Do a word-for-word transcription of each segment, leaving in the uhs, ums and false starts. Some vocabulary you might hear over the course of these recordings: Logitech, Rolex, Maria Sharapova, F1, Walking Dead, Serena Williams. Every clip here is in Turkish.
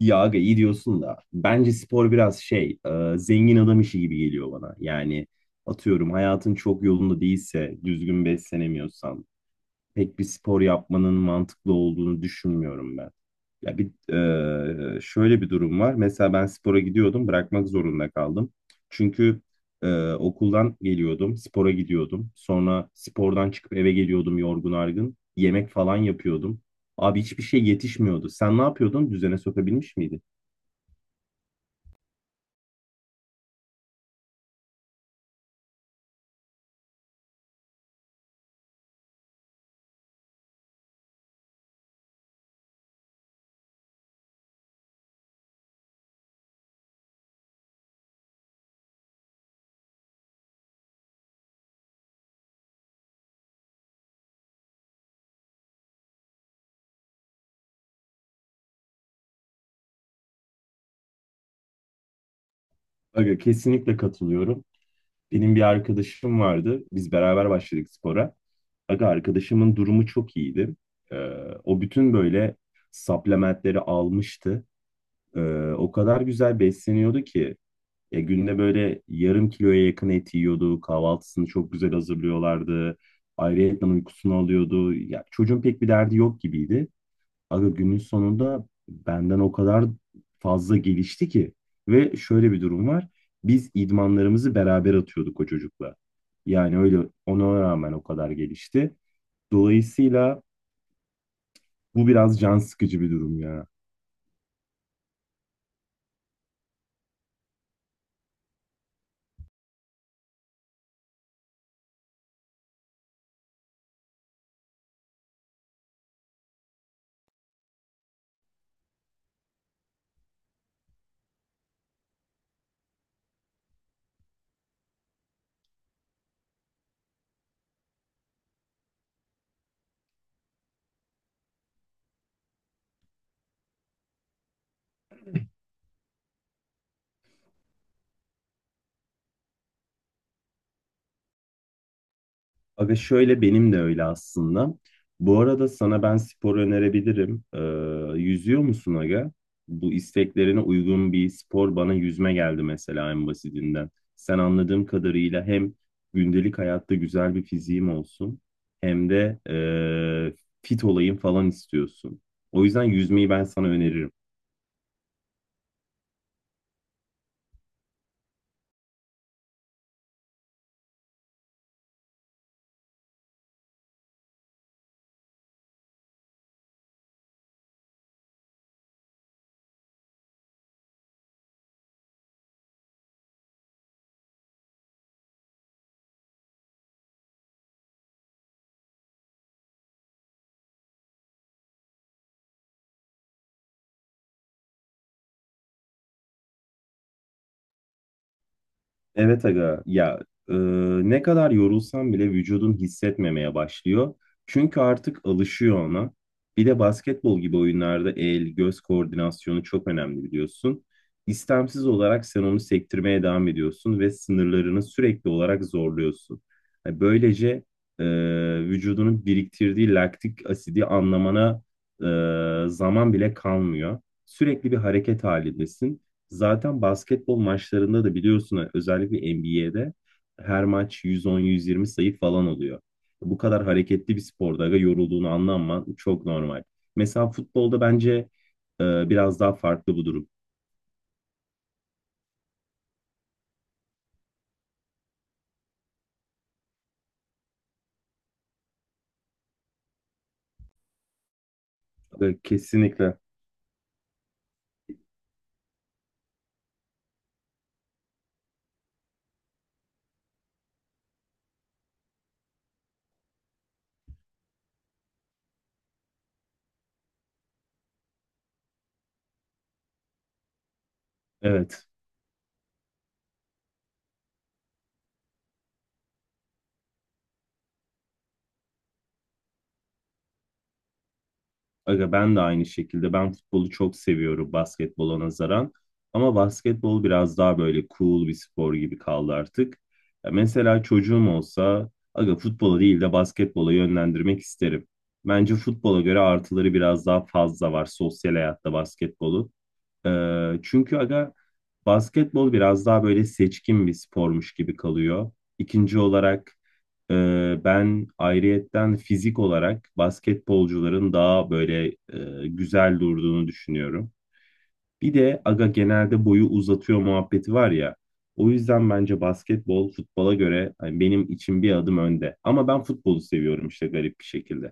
Ya aga iyi diyorsun da bence spor biraz şey e, zengin adam işi gibi geliyor bana. Yani atıyorum hayatın çok yolunda değilse düzgün beslenemiyorsan pek bir spor yapmanın mantıklı olduğunu düşünmüyorum ben. Ya bir e, Şöyle bir durum var. Mesela ben spora gidiyordum, bırakmak zorunda kaldım. Çünkü e, okuldan geliyordum, spora gidiyordum. Sonra spordan çıkıp eve geliyordum yorgun argın. Yemek falan yapıyordum. Abi hiçbir şey yetişmiyordu. Sen ne yapıyordun? Düzene sokabilmiş miydin? Aga, kesinlikle katılıyorum. Benim bir arkadaşım vardı. Biz beraber başladık spora. Aga, arkadaşımın durumu çok iyiydi. Ee, O bütün böyle supplementleri almıştı. Ee, O kadar güzel besleniyordu ki ya, günde böyle yarım kiloya yakın et yiyordu. Kahvaltısını çok güzel hazırlıyorlardı. Ayrıyetten uykusunu alıyordu. Ya çocuğun pek bir derdi yok gibiydi. Aga günün sonunda benden o kadar fazla gelişti ki ve şöyle bir durum var. Biz idmanlarımızı beraber atıyorduk o çocukla. Yani öyle, ona rağmen o kadar gelişti. Dolayısıyla bu biraz can sıkıcı bir durum ya. Aga şöyle, benim de öyle aslında. Bu arada sana ben spor önerebilirim. Ee, yüzüyor musun aga? Bu isteklerine uygun bir spor bana yüzme geldi mesela, en basitinden. Sen anladığım kadarıyla hem gündelik hayatta güzel bir fiziğim olsun hem de ee, fit olayım falan istiyorsun. O yüzden yüzmeyi ben sana öneririm. Evet aga, ya e, ne kadar yorulsam bile vücudun hissetmemeye başlıyor. Çünkü artık alışıyor ona. Bir de basketbol gibi oyunlarda el göz koordinasyonu çok önemli, biliyorsun. İstemsiz olarak sen onu sektirmeye devam ediyorsun ve sınırlarını sürekli olarak zorluyorsun. Yani böylece e, vücudunun biriktirdiği laktik asidi anlamana e, zaman bile kalmıyor. Sürekli bir hareket halindesin. Zaten basketbol maçlarında da biliyorsun, özellikle N B A'de her maç yüz on, yüz yirmi sayı falan oluyor. Bu kadar hareketli bir sporda aga, yorulduğunu anlaman çok normal. Mesela futbolda bence e, biraz daha farklı bu durum. E, Kesinlikle. Evet. Aga ben de aynı şekilde. Ben futbolu çok seviyorum basketbola nazaran. Ama basketbol biraz daha böyle cool bir spor gibi kaldı artık. Ya mesela çocuğum olsa aga, futbola değil de basketbola yönlendirmek isterim. Bence futbola göre artıları biraz daha fazla var sosyal hayatta basketbolu. Ee, çünkü aga, basketbol biraz daha böyle seçkin bir spormuş gibi kalıyor. İkinci olarak e, ben ayrıyetten fizik olarak basketbolcuların daha böyle e, güzel durduğunu düşünüyorum. Bir de aga, genelde boyu uzatıyor muhabbeti var ya. O yüzden bence basketbol futbola göre hani benim için bir adım önde. Ama ben futbolu seviyorum işte, garip bir şekilde.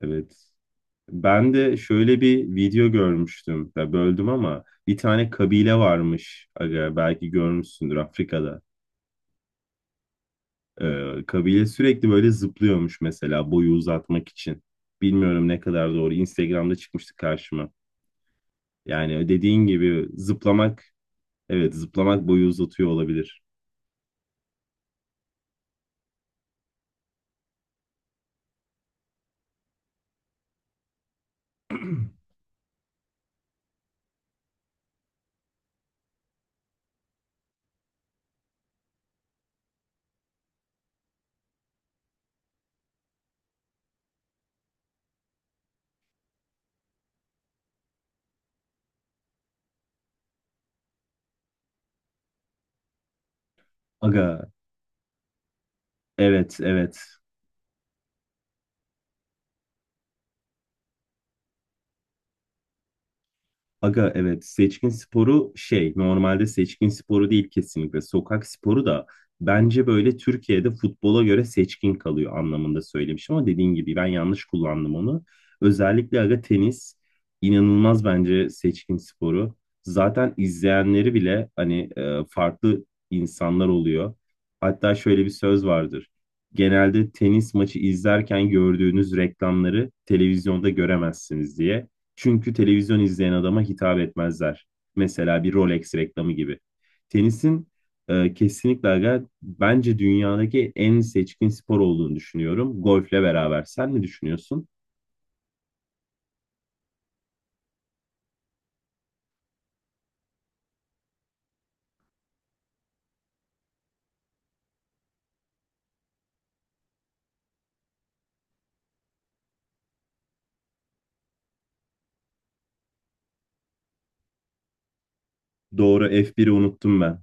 Evet. Ben de şöyle bir video görmüştüm. Ya böldüm ama, bir tane kabile varmış. Aga, belki görmüşsündür, Afrika'da. Ee, kabile sürekli böyle zıplıyormuş mesela, boyu uzatmak için. Bilmiyorum ne kadar doğru. Instagram'da çıkmıştı karşıma. Yani dediğin gibi zıplamak, evet, zıplamak boyu uzatıyor olabilir. Aga, evet, evet. Aga evet, seçkin sporu şey, normalde seçkin sporu değil kesinlikle, sokak sporu da, bence böyle Türkiye'de futbola göre seçkin kalıyor anlamında söylemişim ama dediğin gibi ben yanlış kullandım onu. Özellikle aga, tenis inanılmaz bence seçkin sporu. Zaten izleyenleri bile hani e, farklı insanlar oluyor. Hatta şöyle bir söz vardır. Genelde tenis maçı izlerken gördüğünüz reklamları televizyonda göremezsiniz diye. Çünkü televizyon izleyen adama hitap etmezler. Mesela bir Rolex reklamı gibi. Tenisin e, kesinlikle aga, bence dünyadaki en seçkin spor olduğunu düşünüyorum. Golfle beraber. Sen ne düşünüyorsun? Doğru, F bir'i unuttum ben.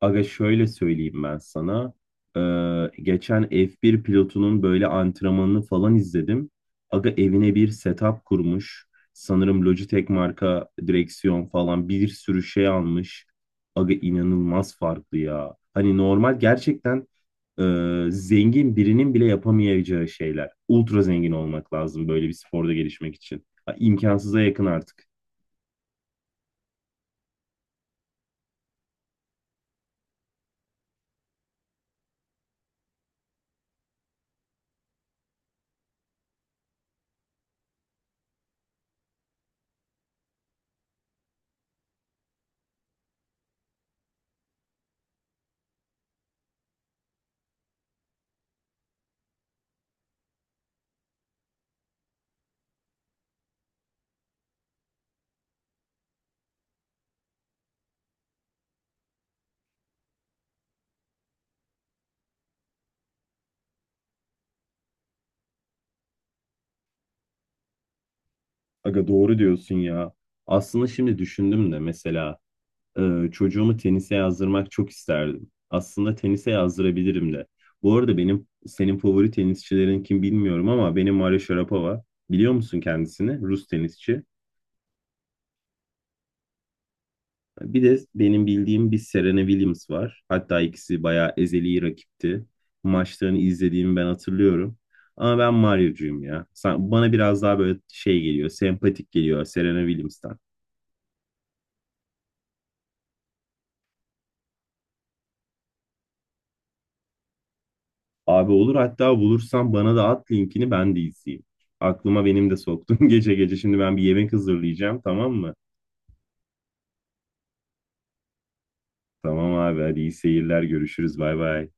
Aga şöyle söyleyeyim ben sana. Ee, geçen F bir pilotunun böyle antrenmanını falan izledim. Aga, evine bir setup kurmuş. Sanırım Logitech marka direksiyon falan bir sürü şey almış. Aga inanılmaz farklı ya. Hani normal gerçekten e, zengin birinin bile yapamayacağı şeyler. Ultra zengin olmak lazım böyle bir sporda gelişmek için. Ha, İmkansıza yakın artık. Aga doğru diyorsun ya. Aslında şimdi düşündüm de mesela, e, çocuğumu tenise yazdırmak çok isterdim. Aslında tenise yazdırabilirim de. Bu arada benim, senin favori tenisçilerin kim bilmiyorum ama benim Maria Sharapova. Biliyor musun kendisini? Rus tenisçi. Bir de benim bildiğim bir Serena Williams var. Hatta ikisi bayağı ezeli rakipti. Maçlarını izlediğimi ben hatırlıyorum. Ama ben Mario'cuyum ya. Sen- bana biraz daha böyle şey geliyor, sempatik geliyor Serena Williams'tan. Abi olur, hatta bulursan bana da at linkini, ben de izleyeyim. Aklıma benim de soktun gece gece. Şimdi ben bir yemek hazırlayacağım, tamam mı? Tamam abi, hadi iyi seyirler, görüşürüz, bay bay.